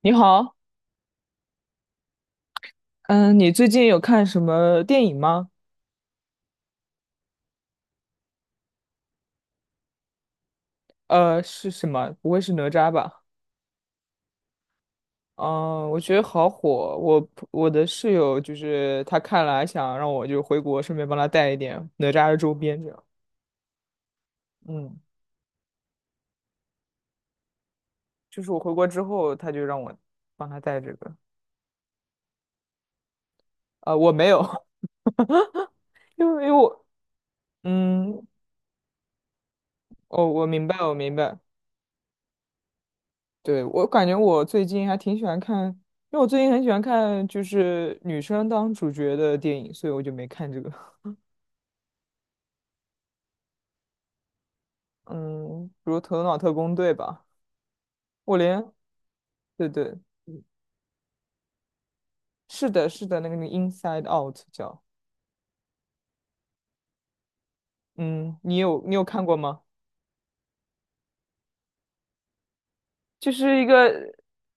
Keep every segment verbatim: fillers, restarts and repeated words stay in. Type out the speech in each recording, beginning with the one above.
你好，嗯，你最近有看什么电影吗？呃，是什么？不会是哪吒吧？嗯，我觉得好火。我我的室友就是他看了，还想让我就回国，顺便帮他带一点哪吒的周边，这样。嗯，就是我回国之后，他就让我帮他带这个。呃，我没有。因为因为我，嗯，哦，我明白，我明白。对，我感觉我最近还挺喜欢看，因为我最近很喜欢看就是女生当主角的电影，所以我就没看这个。嗯，比如《头脑特工队》吧，我连，对对，是的，是的，那个那个《Inside Out》叫，嗯，你有你有看过吗？就是一个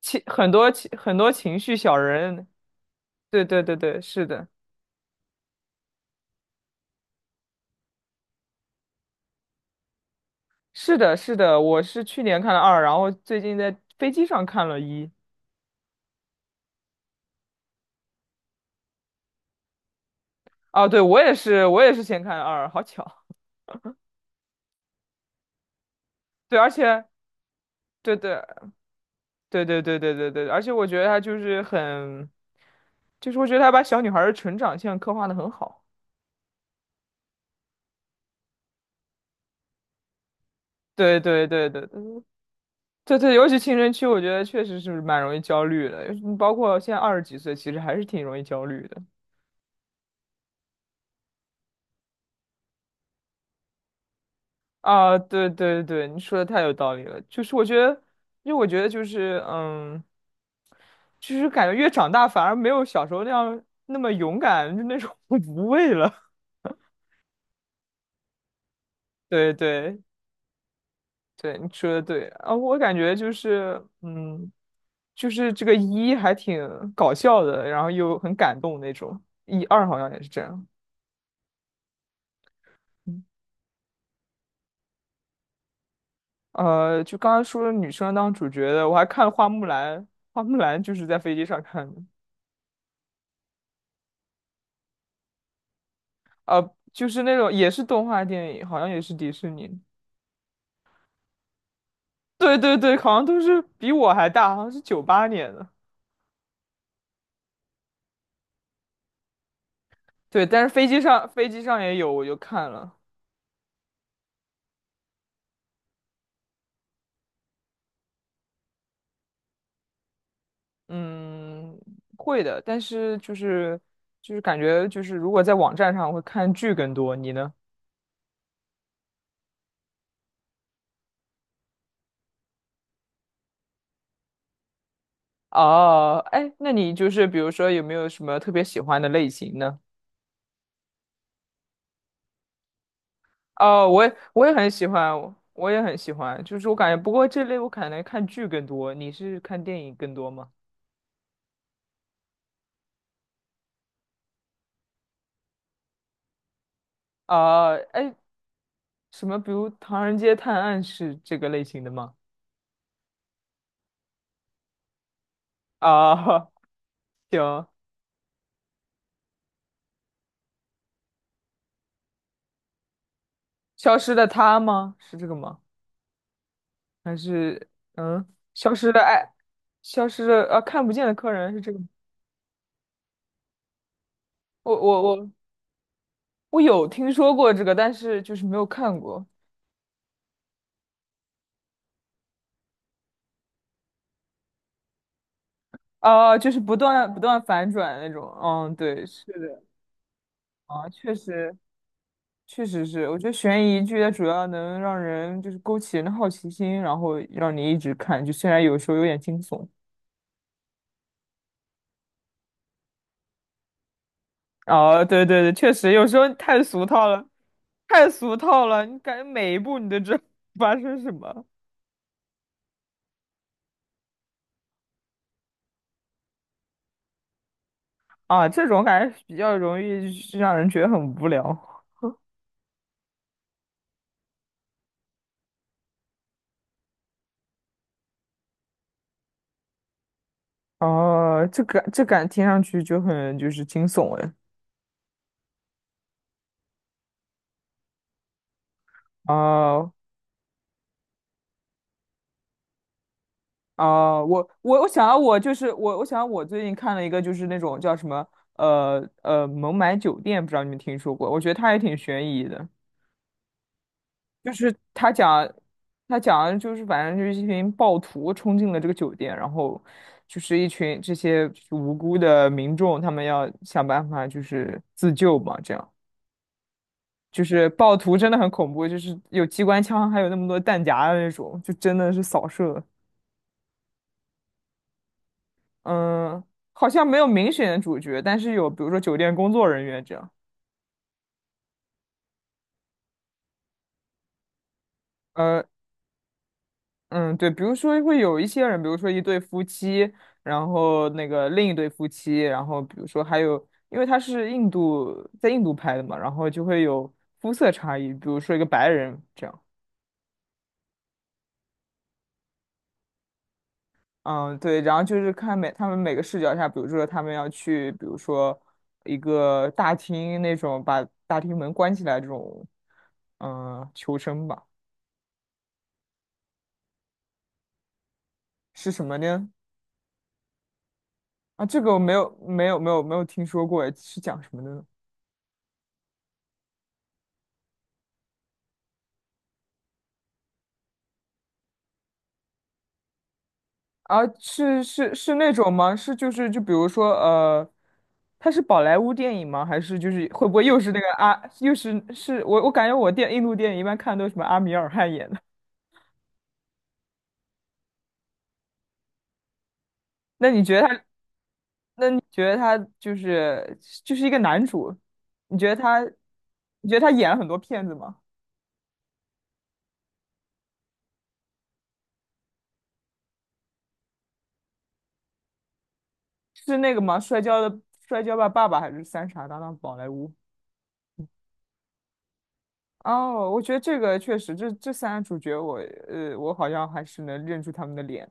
情很多情很多情绪小人，对对对对，是的，是的，是的，我是去年看了二，然后最近在飞机上看了一，啊，对，我也是，我也是先看了二，好巧，对，而且，对对对对对对对对，而且我觉得他就是很，就是我觉得他把小女孩儿的成长线刻画的很好。对对对对对对对，尤其青春期，我觉得确实是蛮容易焦虑的，嗯包括现在二十几岁，其实还是挺容易焦虑的。啊，对对对，你说的太有道理了。就是我觉得，因为我觉得就是，嗯，就是感觉越长大反而没有小时候那样那么勇敢，就那种 无畏了。对对对，你说的对啊，我感觉就是，嗯，就是这个一还挺搞笑的，然后又很感动那种，一二好像也是这样。嗯呃，就刚刚说的女生当主角的，我还看了《花木兰》，《花木兰》就是在飞机上看的，呃，就是那种也是动画电影，好像也是迪士尼的。对对对，好像都是比我还大，好像是九八年的。对，但是飞机上飞机上也有，我就看了。嗯，会的，但是就是就是感觉就是如果在网站上会看剧更多，你呢？哦，哎，那你就是比如说有没有什么特别喜欢的类型呢？哦，我也我也很喜欢，我我也很喜欢，就是我感觉，不过这类我可能看剧更多，你是看电影更多吗？啊、哎，什么，比如《唐人街探案》是这个类型的吗？啊、行，《消失的她》吗？是这个吗？还是嗯，《消失的爱》，消失的啊，看不见的客人是这个吗？我我我我有听说过这个，但是就是没有看过。啊、就是不断不断反转那种。嗯，对，是的。啊，确实。确实是，我觉得悬疑剧它主要能让人就是勾起人的好奇心，然后让你一直看，就虽然有时候有点惊悚。啊，对对对，确实有时候太俗套了，太俗套了，你感觉每一步你都知道 发生什么。啊，这种感觉比较容易是让人觉得很无聊。啊。这感这感听上去就很就是惊悚哎。啊啊、我我我想要我就是我我想要我最近看了一个就是那种叫什么呃呃《孟买酒店》，不知道你们听说过？我觉得它也挺悬疑的，就是他讲他讲的就是反正就是一群暴徒冲进了这个酒店，然后就是一群这些就是无辜的民众，他们要想办法就是自救嘛，这样就是暴徒真的很恐怖，就是有机关枪，还有那么多弹夹的那种，就真的是扫射。嗯，好像没有明显的主角，但是有比如说酒店工作人员这样。呃，嗯，对，比如说会有一些人，比如说一对夫妻，然后那个另一对夫妻，然后比如说还有，因为它是印度，在印度拍的嘛，然后就会有肤色差异，比如说一个白人这样。嗯，对，然后就是看每他们每个视角下，比如说他们要去，比如说一个大厅那种把大厅门关起来这种，嗯、求生吧，是什么呢？啊，这个我没有没有没有没有听说过，哎，是讲什么的呢？啊，是是是那种吗？是就是就比如说呃，它是宝莱坞电影吗？还是就是会不会又是那个阿、又是是我我感觉我电印度电影一般看都是什么阿米尔汗演的。那你觉得他？那你觉得他就是就是一个男主？你觉得他？你觉得他演了很多骗子吗？是那个吗？摔跤的摔跤吧爸爸还是三傻大闹宝莱坞？哦，我觉得这个确实，这这三个主角我，呃，我好像还是能认出他们的脸。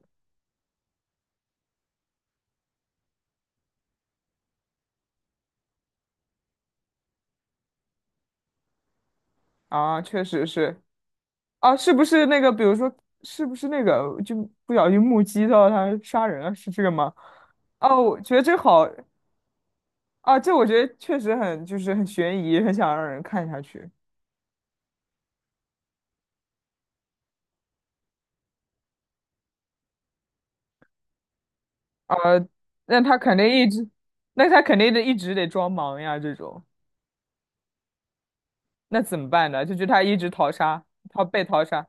啊，确实是啊，是不是那个，比如说，是不是那个，就不小心目击到他杀人了，是这个吗？哦，我觉得这好。啊，这我觉得确实很，就是很悬疑，很想让人看下去。啊。那他肯定一直，那他肯定得一直得装忙呀，这种，那怎么办呢？就是他一直逃杀，他被逃杀。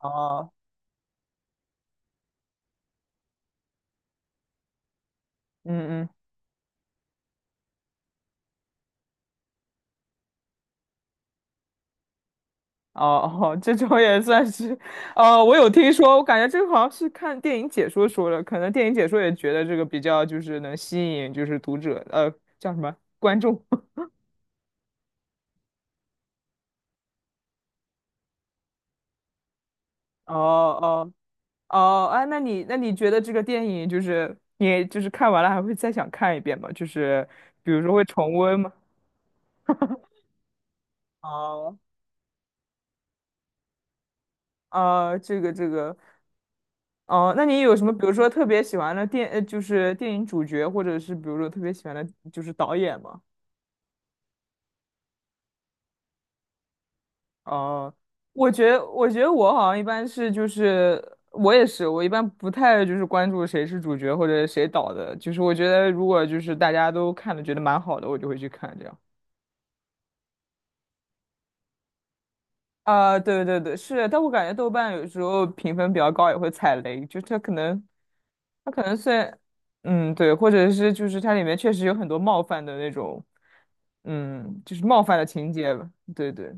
哦，嗯嗯。哦哦，这种也算是，呃，我有听说，我感觉这个好像是看电影解说说的，可能电影解说也觉得这个比较就是能吸引就是读者，呃，叫什么观众。哦哦哦，哎，那你那你觉得这个电影就是你就是看完了还会再想看一遍吗？就是比如说会重温吗？哦啊，这个这个，哦，那你有什么比如说特别喜欢的电，呃，就是电影主角，或者是比如说特别喜欢的就是导演吗？哦，我觉得，我觉得我好像一般是就是，我也是，我一般不太就是关注谁是主角或者谁导的，就是我觉得如果就是大家都看的觉得蛮好的，我就会去看这样。啊、对对对，是，但我感觉豆瓣有时候评分比较高也会踩雷，就它可能，它可能虽然，嗯，对，或者是就是它里面确实有很多冒犯的那种，嗯，就是冒犯的情节吧，对对。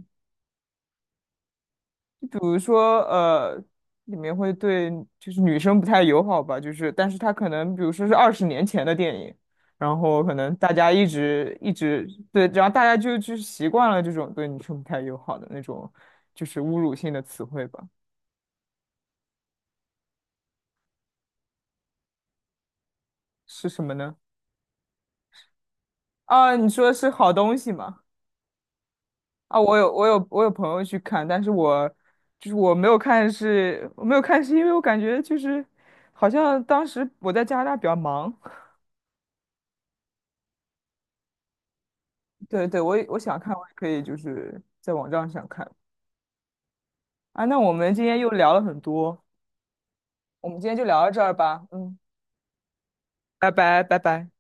比如说呃，里面会对就是女生不太友好吧，就是但是它可能比如说是二十年前的电影，然后可能大家一直一直对，然后大家就就习惯了这种对女生不太友好的那种就是侮辱性的词汇吧，是什么呢？啊，你说是好东西吗？啊，我有我有我有朋友去看，但是我就是我没有看是，我没有看是因为我感觉就是好像当时我在加拿大比较忙，对对，我也我想看，我也可以就是在网站上看。啊。那我们今天又聊了很多，我们今天就聊到这儿吧。嗯，拜拜，拜拜。